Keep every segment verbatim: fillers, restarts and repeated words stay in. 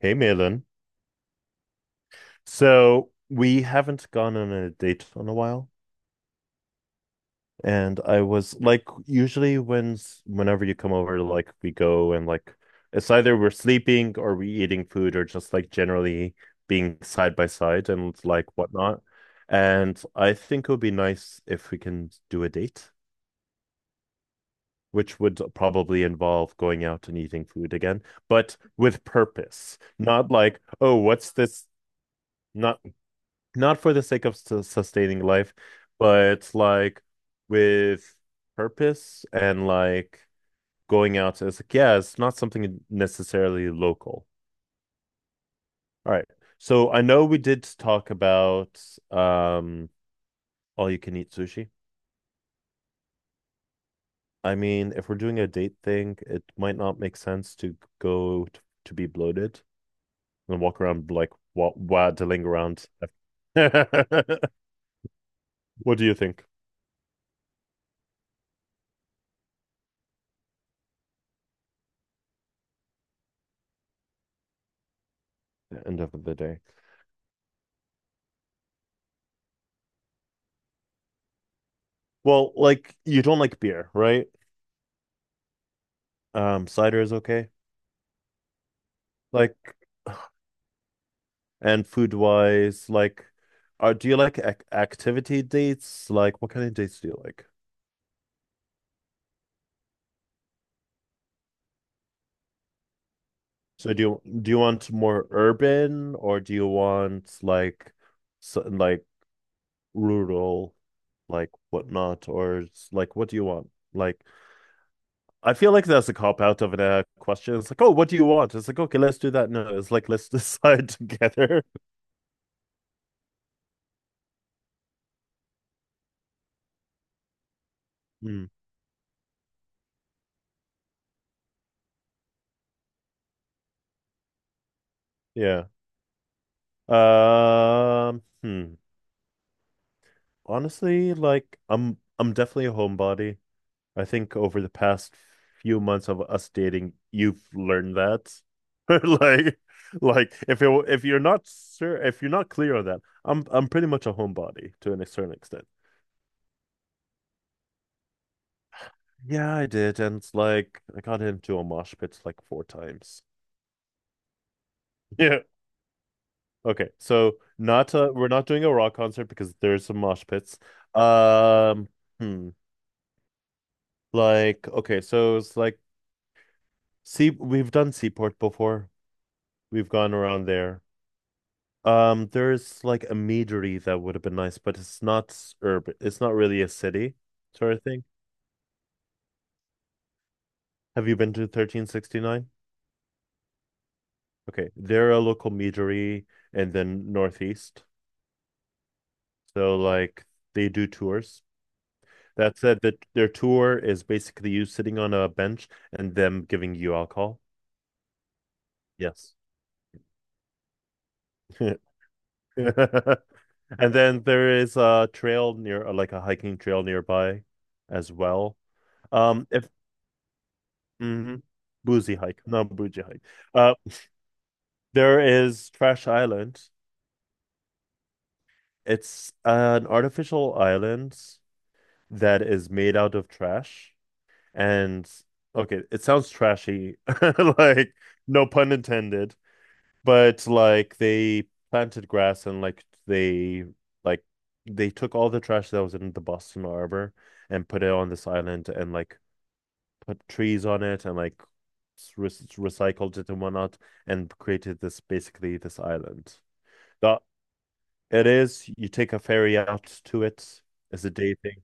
Hey, Malin. So we haven't gone on a date in a while, and I was like, usually when whenever you come over, like we go and like it's either we're sleeping or we eating food or just like generally being side by side and like whatnot. And I think it would be nice if we can do a date, which would probably involve going out and eating food again, but with purpose, not like, oh, what's this? Not not for the sake of su sustaining life, but like with purpose and like going out. It's like, yeah, it's not something necessarily local. All right. So I know we did talk about um all you can eat sushi. I mean, if we're doing a date thing, it might not make sense to go t- to be bloated and walk around like wa waddling around. What do you think? At the end of the day. Well, like you don't like beer, right? Um, cider is okay. Like, and food wise, like, are do you like ac activity dates? Like, what kind of dates do you like? So do you do you want more urban or do you want like, so, like rural, like whatnot, or s- like what do you want? Like, I feel like that's a cop out of a question. It's like, oh, what do you want? It's like, okay, let's do that. No, it's like let's decide together. Hmm. Yeah. Um. hmm. Honestly, like I'm I'm definitely a homebody. I think over the past few months of us dating, you've learned that. Like like if you if you're not sure if you're not clear on that, I'm I'm pretty much a homebody to an certain extent. Yeah, I did, and it's like I got into a mosh pit like four times. Yeah. Okay, so not uh, we're not doing a rock concert because there's some mosh pits. Um, hmm. Like, okay, so it's like see, we've done Seaport before. We've gone around there. Um, there's like a meadery that would have been nice, but it's not urban. It's not really a city sort of thing. Have you been to thirteen sixty-nine? Okay, they're a local meadery and then northeast. So like they do tours. That said, that their tour is basically you sitting on a bench and them giving you alcohol. Yes. And then there is a trail near, like a hiking trail nearby as well. Um, if mhm. Boozy hike, not bougie hike. Uh, there is Trash Island. It's an artificial island that is made out of trash. And okay, it sounds trashy, like no pun intended. But like they planted grass and like they like they took all the trash that was in the Boston Harbor and put it on this island and like put trees on it and like re recycled it and whatnot and created this basically this island. The it is you take a ferry out to it. It's a day thing.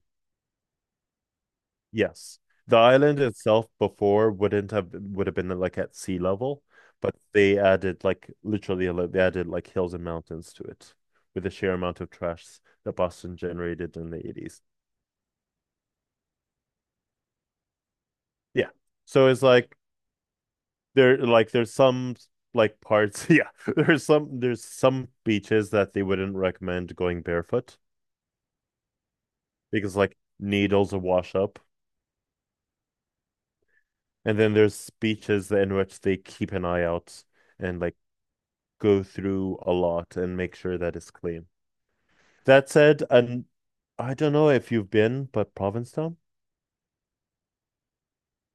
Yes. The island itself before wouldn't have would have been like at sea level, but they added like literally like they added like hills and mountains to it with the sheer amount of trash that Boston generated in the eighties. Yeah. So it's like there like there's some like parts, yeah. There's some there's some beaches that they wouldn't recommend going barefoot because like needles will wash up. And then there's beaches in which they keep an eye out and like go through a lot and make sure that it's clean. That said, and I don't know if you've been, but Provincetown,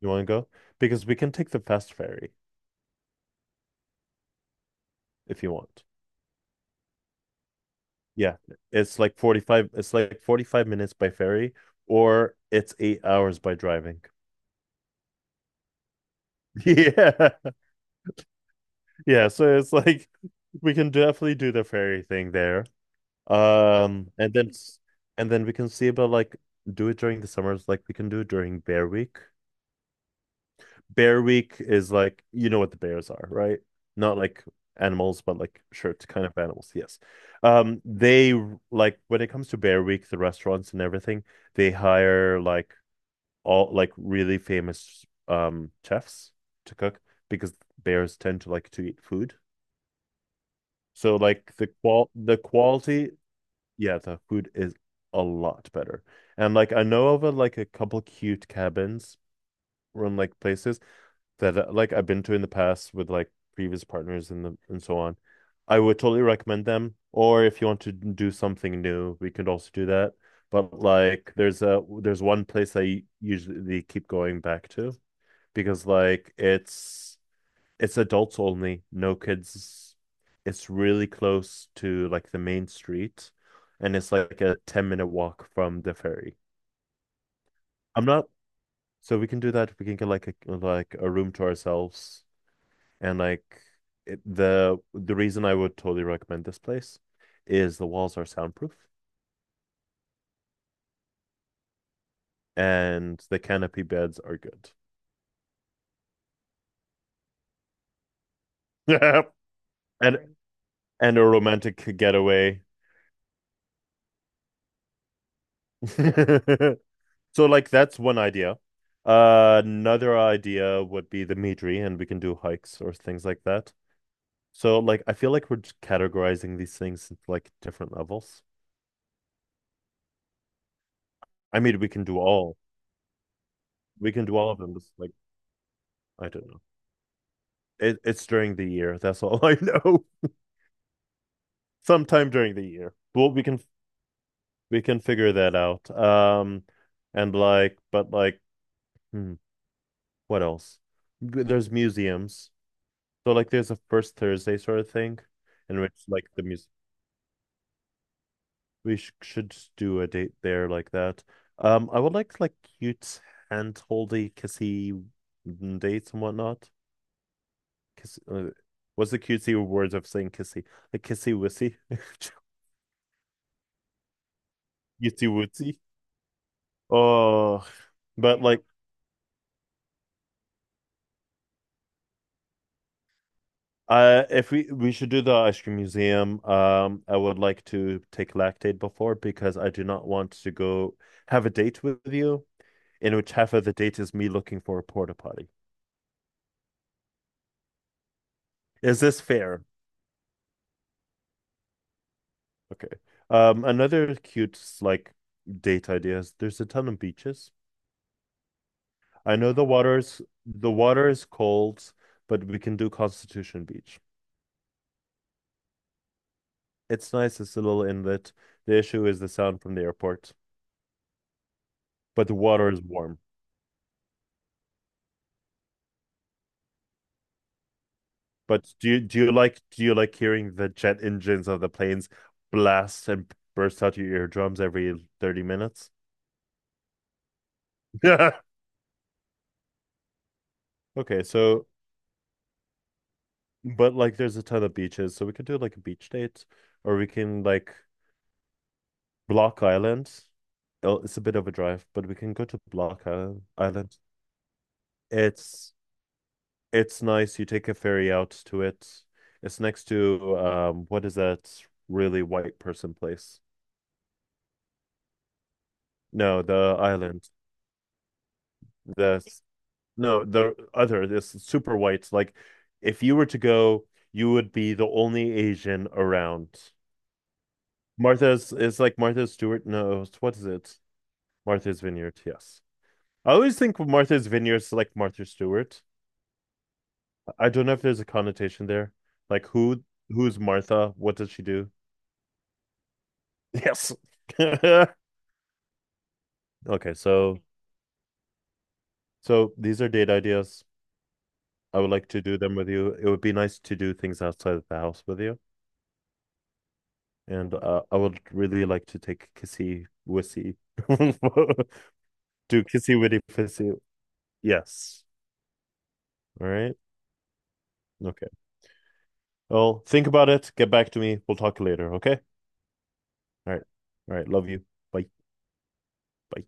you want to go? Because we can take the fast ferry if you want. Yeah, it's like forty-five, it's like forty-five minutes by ferry, or it's eight hours by driving. Yeah. Yeah, so it's like we can definitely do the ferry thing there. Um, and then s- and then we can see about like do it during the summers, like we can do it during Bear Week. Bear Week is like you know what the bears are, right? Not like animals, but like shirts kind of animals. Yes. Um, they like when it comes to Bear Week, the restaurants and everything, they hire like all like really famous um chefs to cook because bears tend to like to eat food. So like the qual the quality, yeah, the food is a lot better. And like I know of a, like a couple cute cabins run like places that uh, like I've been to in the past with like previous partners and the and so on. I would totally recommend them. Or if you want to do something new, we could also do that. But like there's a there's one place I usually keep going back to because like it's it's adults only, no kids. It's really close to like the main street and it's like a ten minute walk from the ferry. I'm not so we can do that. We can get like a like a room to ourselves. And like it, the the reason I would totally recommend this place is the walls are soundproof and the canopy beds are good. And right, and a romantic getaway. So like that's one idea. Uh, another idea would be the Midri, and we can do hikes or things like that. So like I feel like we're just categorizing these things into like different levels. I mean, we can do all. We can do all of them. Just like I don't know. It, it's during the year. That's all I know. Sometime during the year. Well, we can we can figure that out. Um, and like, but like, hmm, what else? There's museums. So like, there's a first Thursday sort of thing, in which like the muse we sh should just do a date there like that. Um, I would like like cute hand holdy kissy mm, dates and whatnot. Kiss, uh, what's the cutesy words of saying kissy? Like kissy wissy, cutesy wootsy. Oh, but like, uh, if we we should do the ice cream museum, um, I would like to take lactate before because I do not want to go have a date with you in which half of the date is me looking for a porta potty. Is this fair? Okay. Um, another cute like date idea is there's a ton of beaches. I know the water's the water is cold, but we can do Constitution Beach. It's nice. It's a little inlet. The issue is the sound from the airport, but the water is warm. But do you do you like do you like hearing the jet engines of the planes blast and burst out your eardrums every thirty minutes? Okay, so but like there's a ton of beaches, so we could do like a beach date or we can like Block Island. Oh, it's a bit of a drive, but we can go to Block Isl- Island. It's it's nice. You take a ferry out to it. It's next to um what is that really white person place? No, the island. The No, the other, this super whites. Like, if you were to go, you would be the only Asian around. Martha's is like Martha Stewart. No, what is it? Martha's Vineyard. Yes. I always think of Martha's Vineyard's like Martha Stewart. I don't know if there's a connotation there. Like, who who's Martha? What does she do? Yes. Okay, so so these are date ideas. I would like to do them with you. It would be nice to do things outside of the house with you. And uh, I would really like to take kissy wissy. Do kissy witty fissy. Yes. All right. Okay. Well, think about it. Get back to me. We'll talk later. Okay. All right. All right. Love you. Bye. Bye.